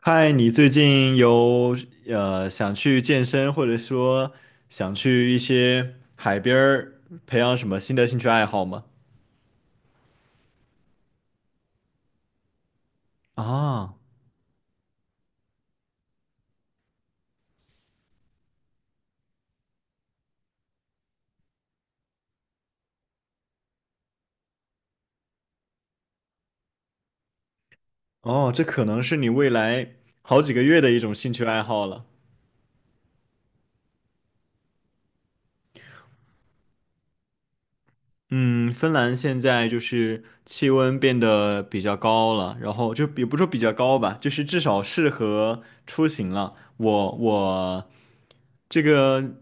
嗨，你最近有想去健身，或者说想去一些海边儿培养什么新的兴趣爱好吗？啊，哦，这可能是你未来好几个月的一种兴趣爱好了。嗯，芬兰现在就是气温变得比较高了，然后就也不说比较高吧，就是至少适合出行了。我这个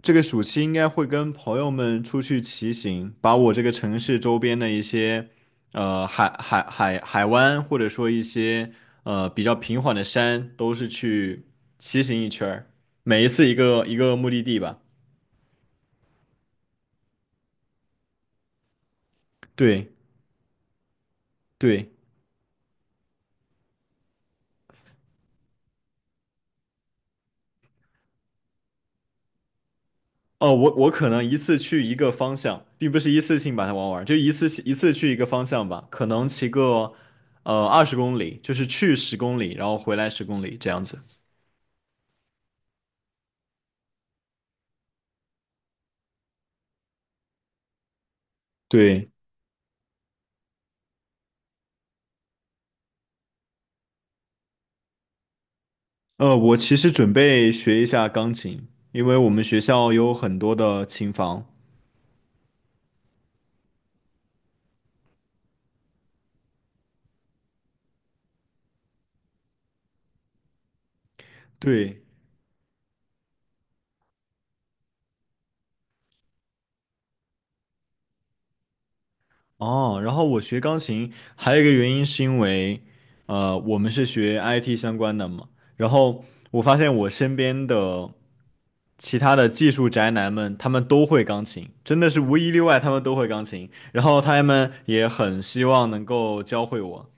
这个暑期应该会跟朋友们出去骑行，把我这个城市周边的一些海湾，或者说一些比较平缓的山，都是去骑行一圈儿，每一次一个一个目的地吧。对对。哦，我可能一次去一个方向，并不是一次性把它玩完，就一次性一次去一个方向吧，可能骑个20公里，就是去十公里，然后回来十公里这样子。对，我其实准备学一下钢琴，因为我们学校有很多的琴房。对，哦，然后我学钢琴还有一个原因是因为，我们是学 IT 相关的嘛，然后我发现我身边的。其他的技术宅男们，他们都会钢琴，真的是无一例外，他们都会钢琴。然后他们也很希望能够教会我。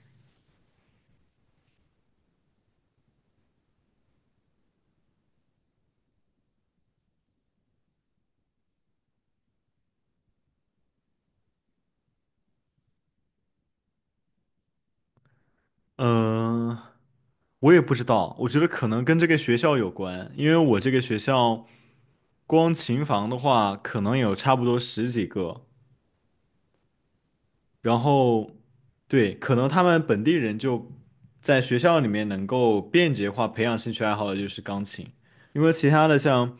嗯，我也不知道，我觉得可能跟这个学校有关，因为我这个学校光琴房的话，可能有差不多十几个。然后，对，可能他们本地人就在学校里面能够便捷化培养兴趣爱好的就是钢琴，因为其他的像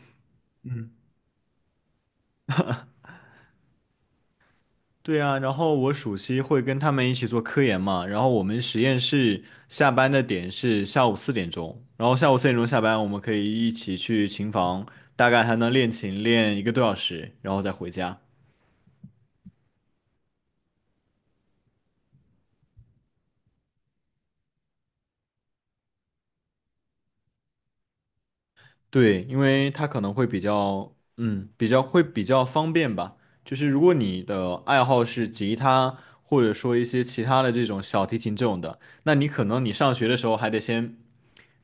对啊，然后我暑期会跟他们一起做科研嘛，然后我们实验室下班的点是下午四点钟，然后下午四点钟下班，我们可以一起去琴房，大概还能练琴练一个多小时，然后再回家。对，因为它可能会比较，比较会比较方便吧。就是如果你的爱好是吉他，或者说一些其他的这种小提琴这种的，那你可能你上学的时候还得先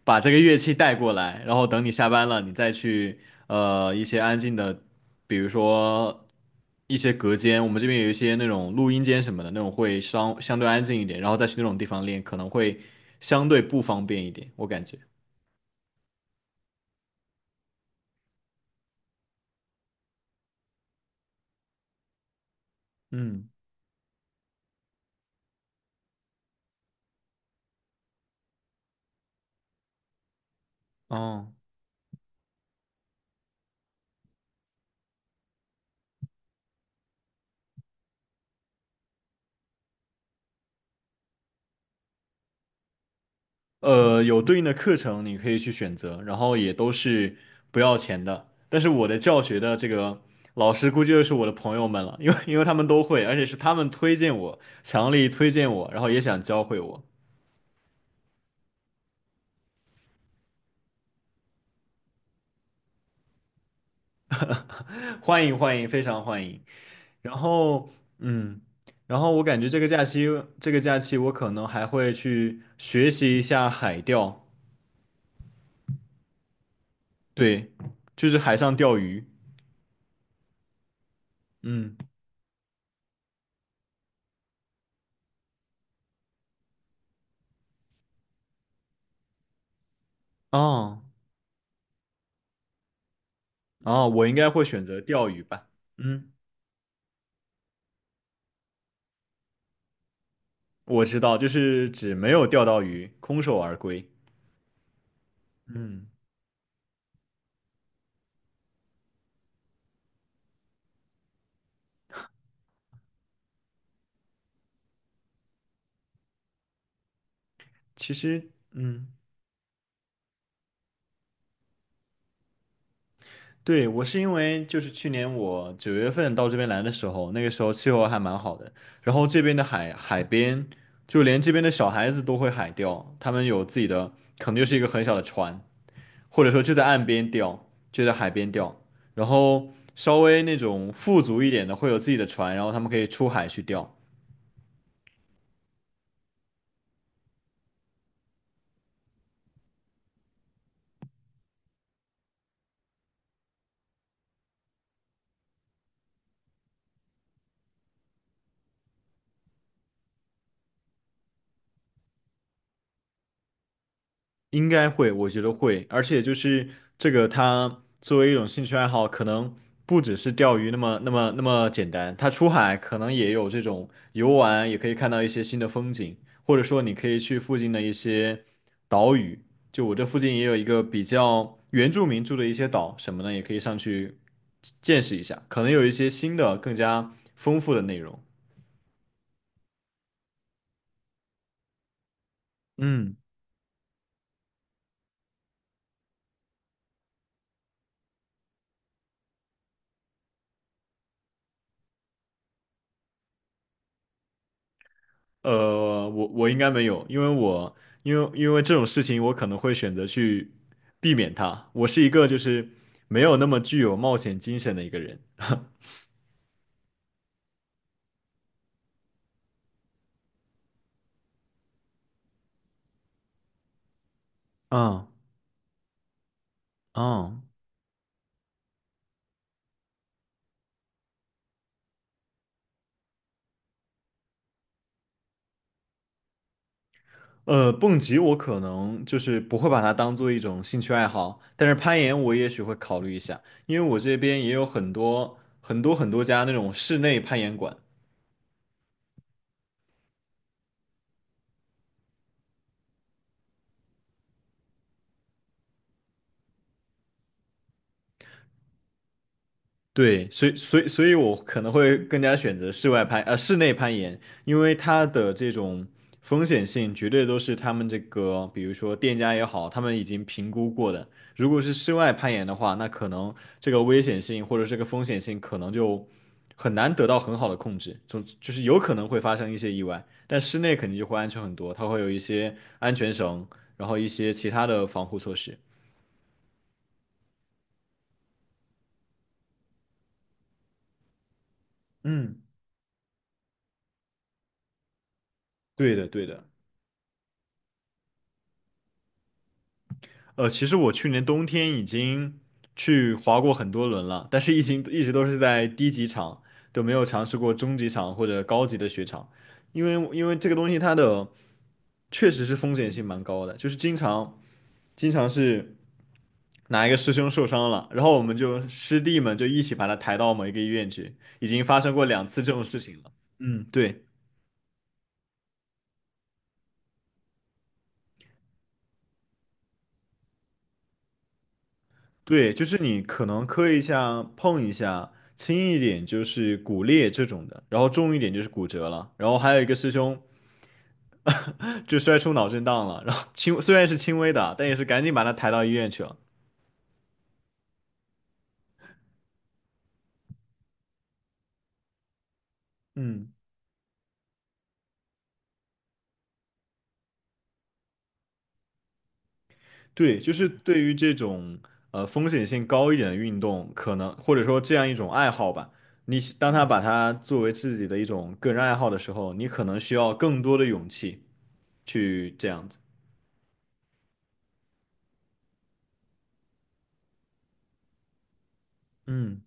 把这个乐器带过来，然后等你下班了，你再去一些安静的，比如说一些隔间，我们这边有一些那种录音间什么的，那种会相对安静一点，然后再去那种地方练，可能会相对不方便一点，我感觉。嗯，哦。有对应的课程你可以去选择，然后也都是不要钱的。但是我的教学的这个老师估计就是我的朋友们了，因为他们都会，而且是他们推荐我，强力推荐我，然后也想教会我，欢迎欢迎，非常欢迎。然后嗯，然后我感觉这个假期我可能还会去学习一下海钓，对，就是海上钓鱼。嗯，哦哦，我应该会选择钓鱼吧。嗯。我知道，就是指没有钓到鱼，空手而归。嗯，其实，对，我是因为就是去年我9月份到这边来的时候，那个时候气候还蛮好的，然后这边的海边，就连这边的小孩子都会海钓，他们有自己的，可能就是一个很小的船，或者说就在岸边钓，就在海边钓，然后稍微那种富足一点的会有自己的船，然后他们可以出海去钓。应该会，我觉得会，而且就是这个，它作为一种兴趣爱好，可能不只是钓鱼那么简单，它出海可能也有这种游玩，也可以看到一些新的风景，或者说你可以去附近的一些岛屿，就我这附近也有一个比较原住民住的一些岛什么的，也可以上去见识一下，可能有一些新的更加丰富的内容。嗯。我应该没有，因为因为这种事情，我可能会选择去避免它。我是一个就是没有那么具有冒险精神的一个人。嗯嗯 蹦极我可能就是不会把它当做一种兴趣爱好，但是攀岩我也许会考虑一下，因为我这边也有很多很多很多家那种室内攀岩馆。对，所以我可能会更加选择室外攀，室内攀岩，因为它的这种风险性绝对都是他们这个，比如说店家也好，他们已经评估过的。如果是室外攀岩的话，那可能这个危险性或者这个风险性可能就很难得到很好的控制，总就是有可能会发生一些意外。但室内肯定就会安全很多，它会有一些安全绳，然后一些其他的防护措施。嗯，对的，对的。其实我去年冬天已经去滑过很多轮了，但是一直一直都是在低级场，都没有尝试过中级场或者高级的雪场，因为这个东西它的确实是风险性蛮高的，就是经常经常是哪一个师兄受伤了，然后我们就师弟们就一起把他抬到某一个医院去，已经发生过2次这种事情了。嗯，对。对，就是你可能磕一下、碰一下，轻一点就是骨裂这种的，然后重一点就是骨折了，然后还有一个师兄就摔出脑震荡了，然后轻虽然是轻微的，但也是赶紧把他抬到医院去了。嗯，对，就是对于这种风险性高一点的运动，可能或者说这样一种爱好吧，你当他把它作为自己的一种个人爱好的时候，你可能需要更多的勇气去这样子。嗯。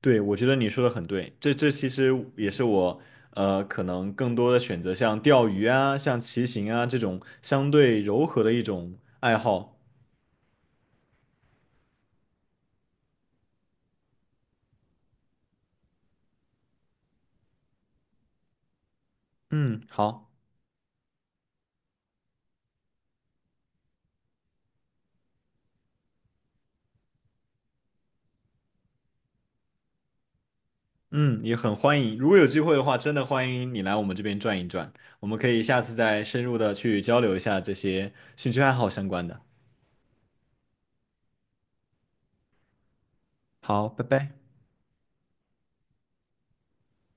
对，我觉得你说的很对，这其实也是我可能更多的选择，像钓鱼啊、像骑行啊这种相对柔和的一种爱好。嗯，好，嗯，也很欢迎，如果有机会的话，真的欢迎你来我们这边转一转，我们可以下次再深入的去交流一下这些兴趣爱好相关的。好，拜拜。